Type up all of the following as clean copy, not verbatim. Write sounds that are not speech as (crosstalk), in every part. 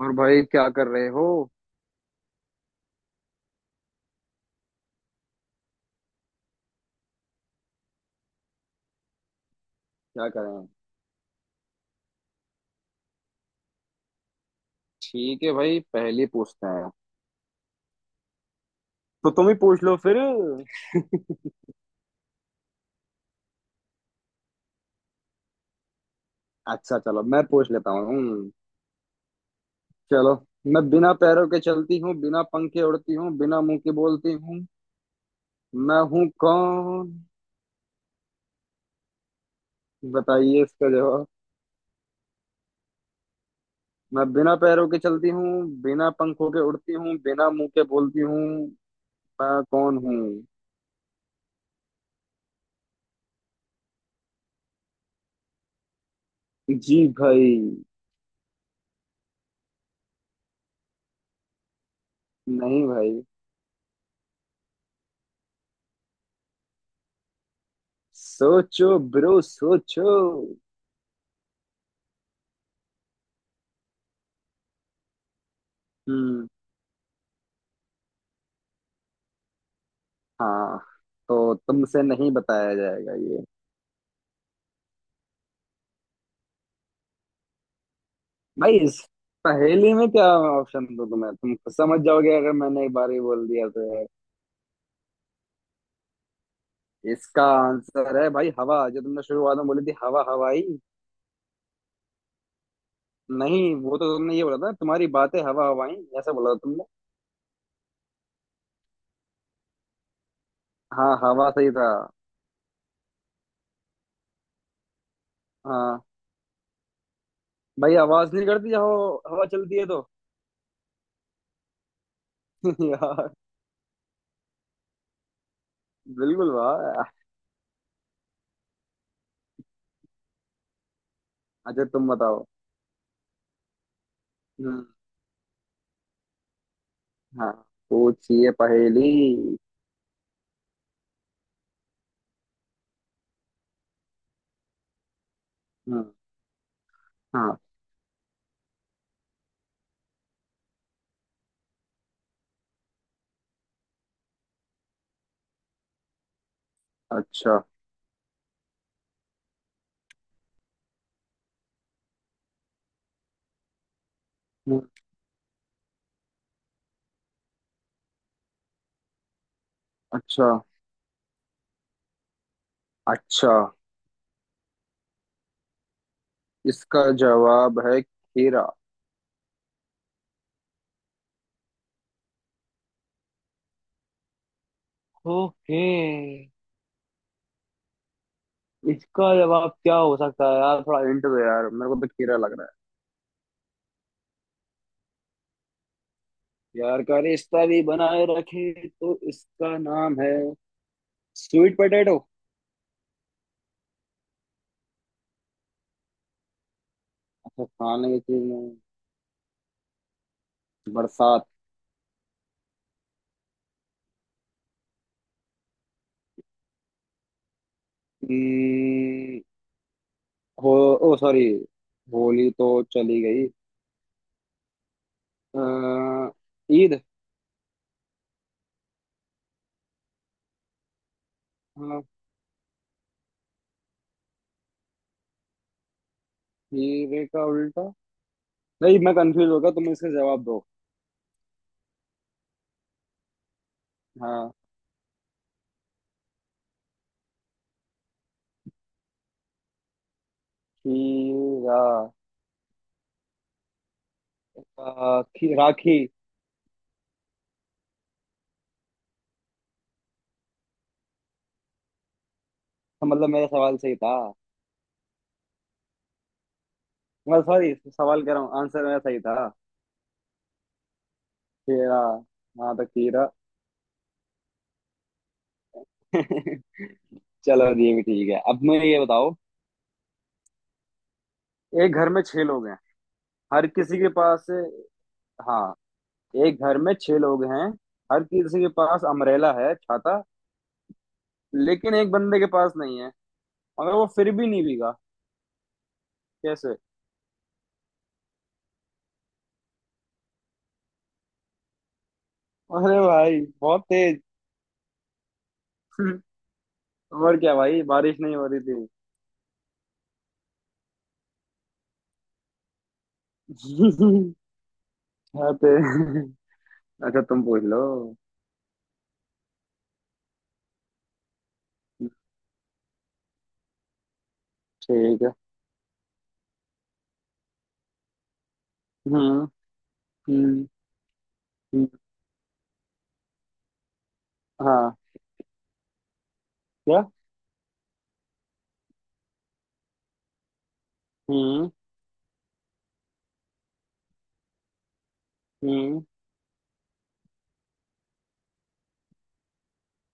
और भाई क्या कर रहे हो? क्या करें? ठीक है भाई, पहली पूछते हैं। तो तुम ही पूछ लो फिर। अच्छा, चलो मैं पूछ लेता हूँ। चलो। मैं बिना पैरों के चलती हूँ, बिना पंखे उड़ती हूँ, बिना मुंह के बोलती हूँ। मैं हूँ कौन? बताइए इसका जवाब। मैं बिना पैरों के चलती हूँ, बिना पंखों के उड़ती हूँ, बिना मुंह के बोलती हूँ। मैं कौन हूँ? जी भाई। नहीं भाई। सोचो ब्रो, सोचो। हम्म। हाँ। तो तुमसे नहीं बताया जाएगा ये? भाई, इस पहेली में क्या ऑप्शन दो, तुम्हें तुम समझ जाओगे अगर मैंने एक बार ही बोल दिया तो। इसका आंसर है भाई, हवा। जो तुमने शुरुआत में बोली थी, हवा हवाई। नहीं, वो तो तुमने ये बोला था, तुम्हारी बातें हवा हवाई, ऐसा बोला था तुमने। हाँ, हवा सही था। हाँ। भाई आवाज नहीं करती जब हवा हवा चलती है तो। (laughs) यार। बिल्कुल, वाह। अच्छा, तुम बताओ। हम्म, हाँ। पूछिए पहेली। हम्म, हाँ। अच्छा। हम्म, अच्छा। अच्छा। इसका जवाब है खीरा। ओके। इसका जवाब क्या हो सकता है यार? थोड़ा हिंट दो यार, मेरे को तो खीरा लग रहा। प्यार का रिश्ता भी बनाए रखे तो इसका नाम है, स्वीट पोटैटो है। अच्छा, खाने की चीज में। बरसात। हम्म, हो। ओ सॉरी। होली तो चली गई। अ, ईद। हाँ। हीरे का उल्टा। नहीं, मैं कंफ्यूज हो गया, तुम इसका जवाब दो। हाँ। खीरा। राखी। तो मतलब मेरा सवाल सही था। मैं सॉरी, सवाल कह रहा हूँ, आंसर मेरा सही था। खीरा। हाँ तो खीरा। (laughs) चलो, ये भी ठीक है। अब मुझे ये बताओ। एक घर में छह लोग हैं। हर किसी के पास। हाँ। एक घर में छह लोग हैं। हर किसी के पास अमरेला है, छाता। लेकिन एक बंदे के पास नहीं है। मगर वो फिर भी नहीं भीगा। कैसे? अरे भाई, बहुत तेज। (laughs) और क्या भाई, बारिश नहीं हो रही थी। (laughs) बहुत तेज। (laughs) अच्छा, तुम पूछ लो। ठीक है। हम्म, हम्म, हम्म, हाँ। क्या? हम्म, हम्म,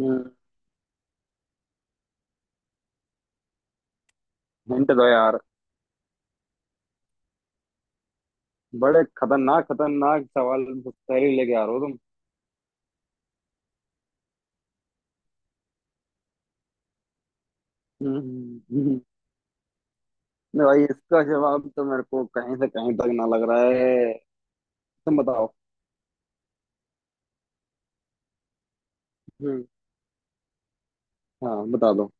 हम्म। हिंट दो यार। बड़े खतरनाक खतरनाक सवाल पहले लेके आ रहे हो तुम। हम्म, हम्म। नहीं भाई, इसका जवाब तो मेरे को कहीं से कहीं तक ना लग रहा है। तुम बताओ। हम्म, हाँ, बता दो।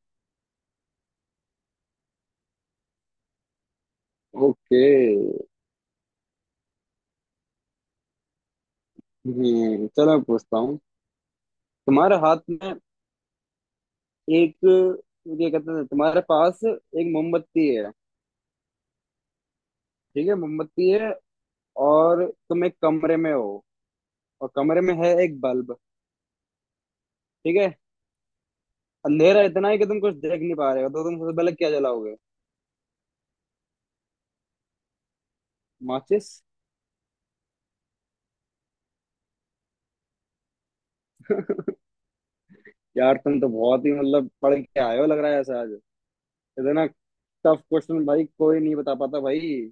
ओके। हम्म, चलो मैं पूछता हूँ। तुम्हारे हाथ में एक, ये कहते हैं तुम्हारे पास एक मोमबत्ती है। ठीक है, मोमबत्ती है। और तुम एक कमरे में हो। और कमरे में है एक बल्ब। ठीक है। अंधेरा इतना है कि तुम कुछ देख नहीं पा रहे हो, तो तुम सबसे पहले क्या जलाओगे? माचिस। यार तुम तो बहुत ही मतलब पढ़ के आए हो, लग रहा है ऐसा आज। इतना टफ क्वेश्चन भाई, कोई नहीं बता पाता भाई।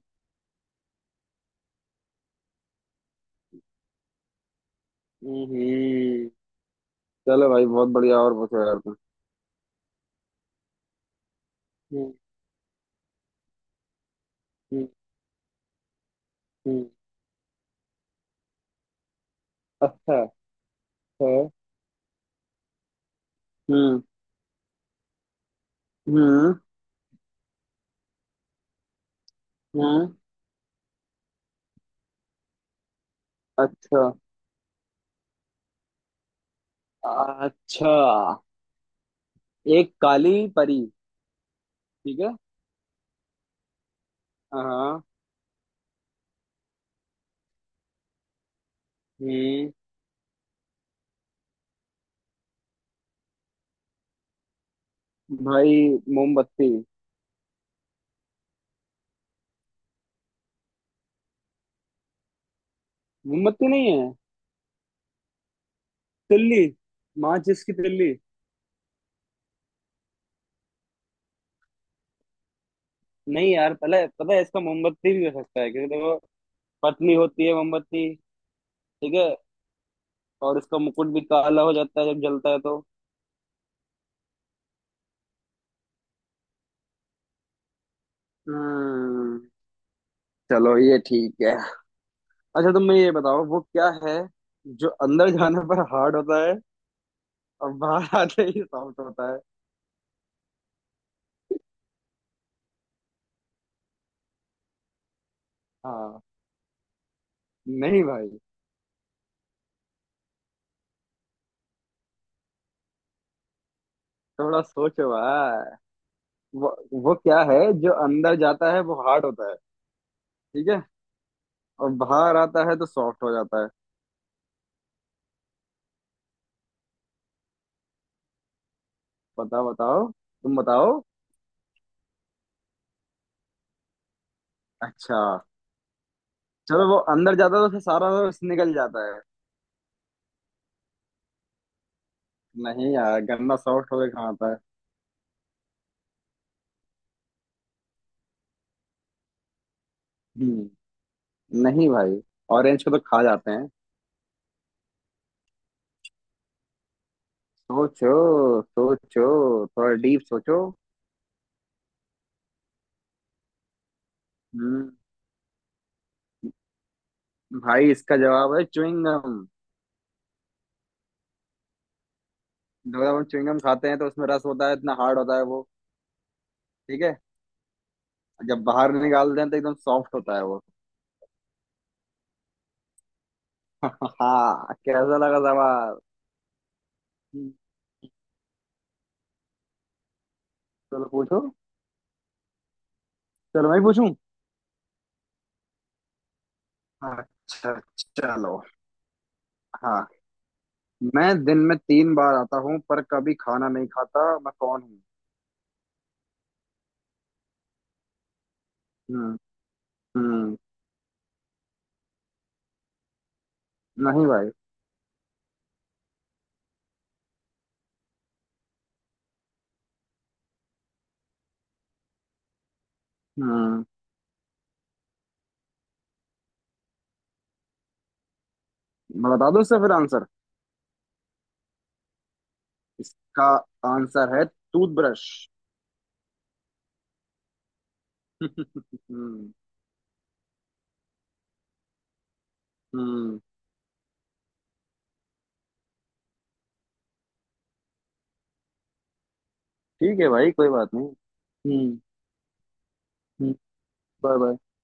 हम्म। चलो भाई, बहुत बढ़िया। और पूछो यार तुम। हम्म, हम्म, अच्छा। अच्छा। हम्म, हम्म। हम्म। अच्छा। अच्छा। एक काली परी। ठीक है। हाँ। हम्म। भाई, मोमबत्ती। मोमबत्ती नहीं है? तिल्ली। माचिस की तिल्ली। नहीं यार, पहले पता है इसका, मोमबत्ती भी हो सकता है क्योंकि देखो, पतली होती है मोमबत्ती। ठीक है। और इसका मुकुट भी काला हो जाता है जब जलता है तो। हम्म। चलो, ये ठीक है। अच्छा, तुम मैं ये बताओ वो क्या है, जो अंदर जाने पर हार्ड होता है और बाहर आते ही सॉफ्ट होता है। हाँ। नहीं भाई। थोड़ा सोचो भाई। वो वो क्या है, जो अंदर जाता है वो हार्ड होता है। ठीक है। और बाहर आता है तो सॉफ्ट हो जाता है। बताओ बताओ। तुम बताओ। अच्छा, चलो, वो अंदर जाता है तो फिर सारा रस निकल जाता है। नहीं यार, गन्ना सॉफ्ट होके कहाँ आता है? हम्म, नहीं भाई। ऑरेंज को तो खा जाते हैं। सोचो सोचो, थोड़ा डीप सोचो। हम्म। भाई, इसका जवाब है च्युइंगम। जब हम च्युइंगम खाते हैं तो उसमें रस होता है, इतना हार्ड होता है वो। ठीक है। जब बाहर निकालते हैं तो एकदम सॉफ्ट होता है वो। (laughs) हाँ, कैसा लगा सवाल? हम्म, चलो पूछो। चलो, मैं ही पूछूं। अच्छा। चलो। हाँ। मैं दिन में 3 बार आता हूँ, पर कभी खाना नहीं खाता, मैं कौन हूँ? हम्म, हम्म। नहीं भाई। हम्म। मैं बता दूँ इसका फिर आंसर। इसका आंसर है टूथब्रश। (laughs) हम्म। हम्म। ठीक है भाई, कोई बात नहीं। हम्म, हम्म। Bye bye.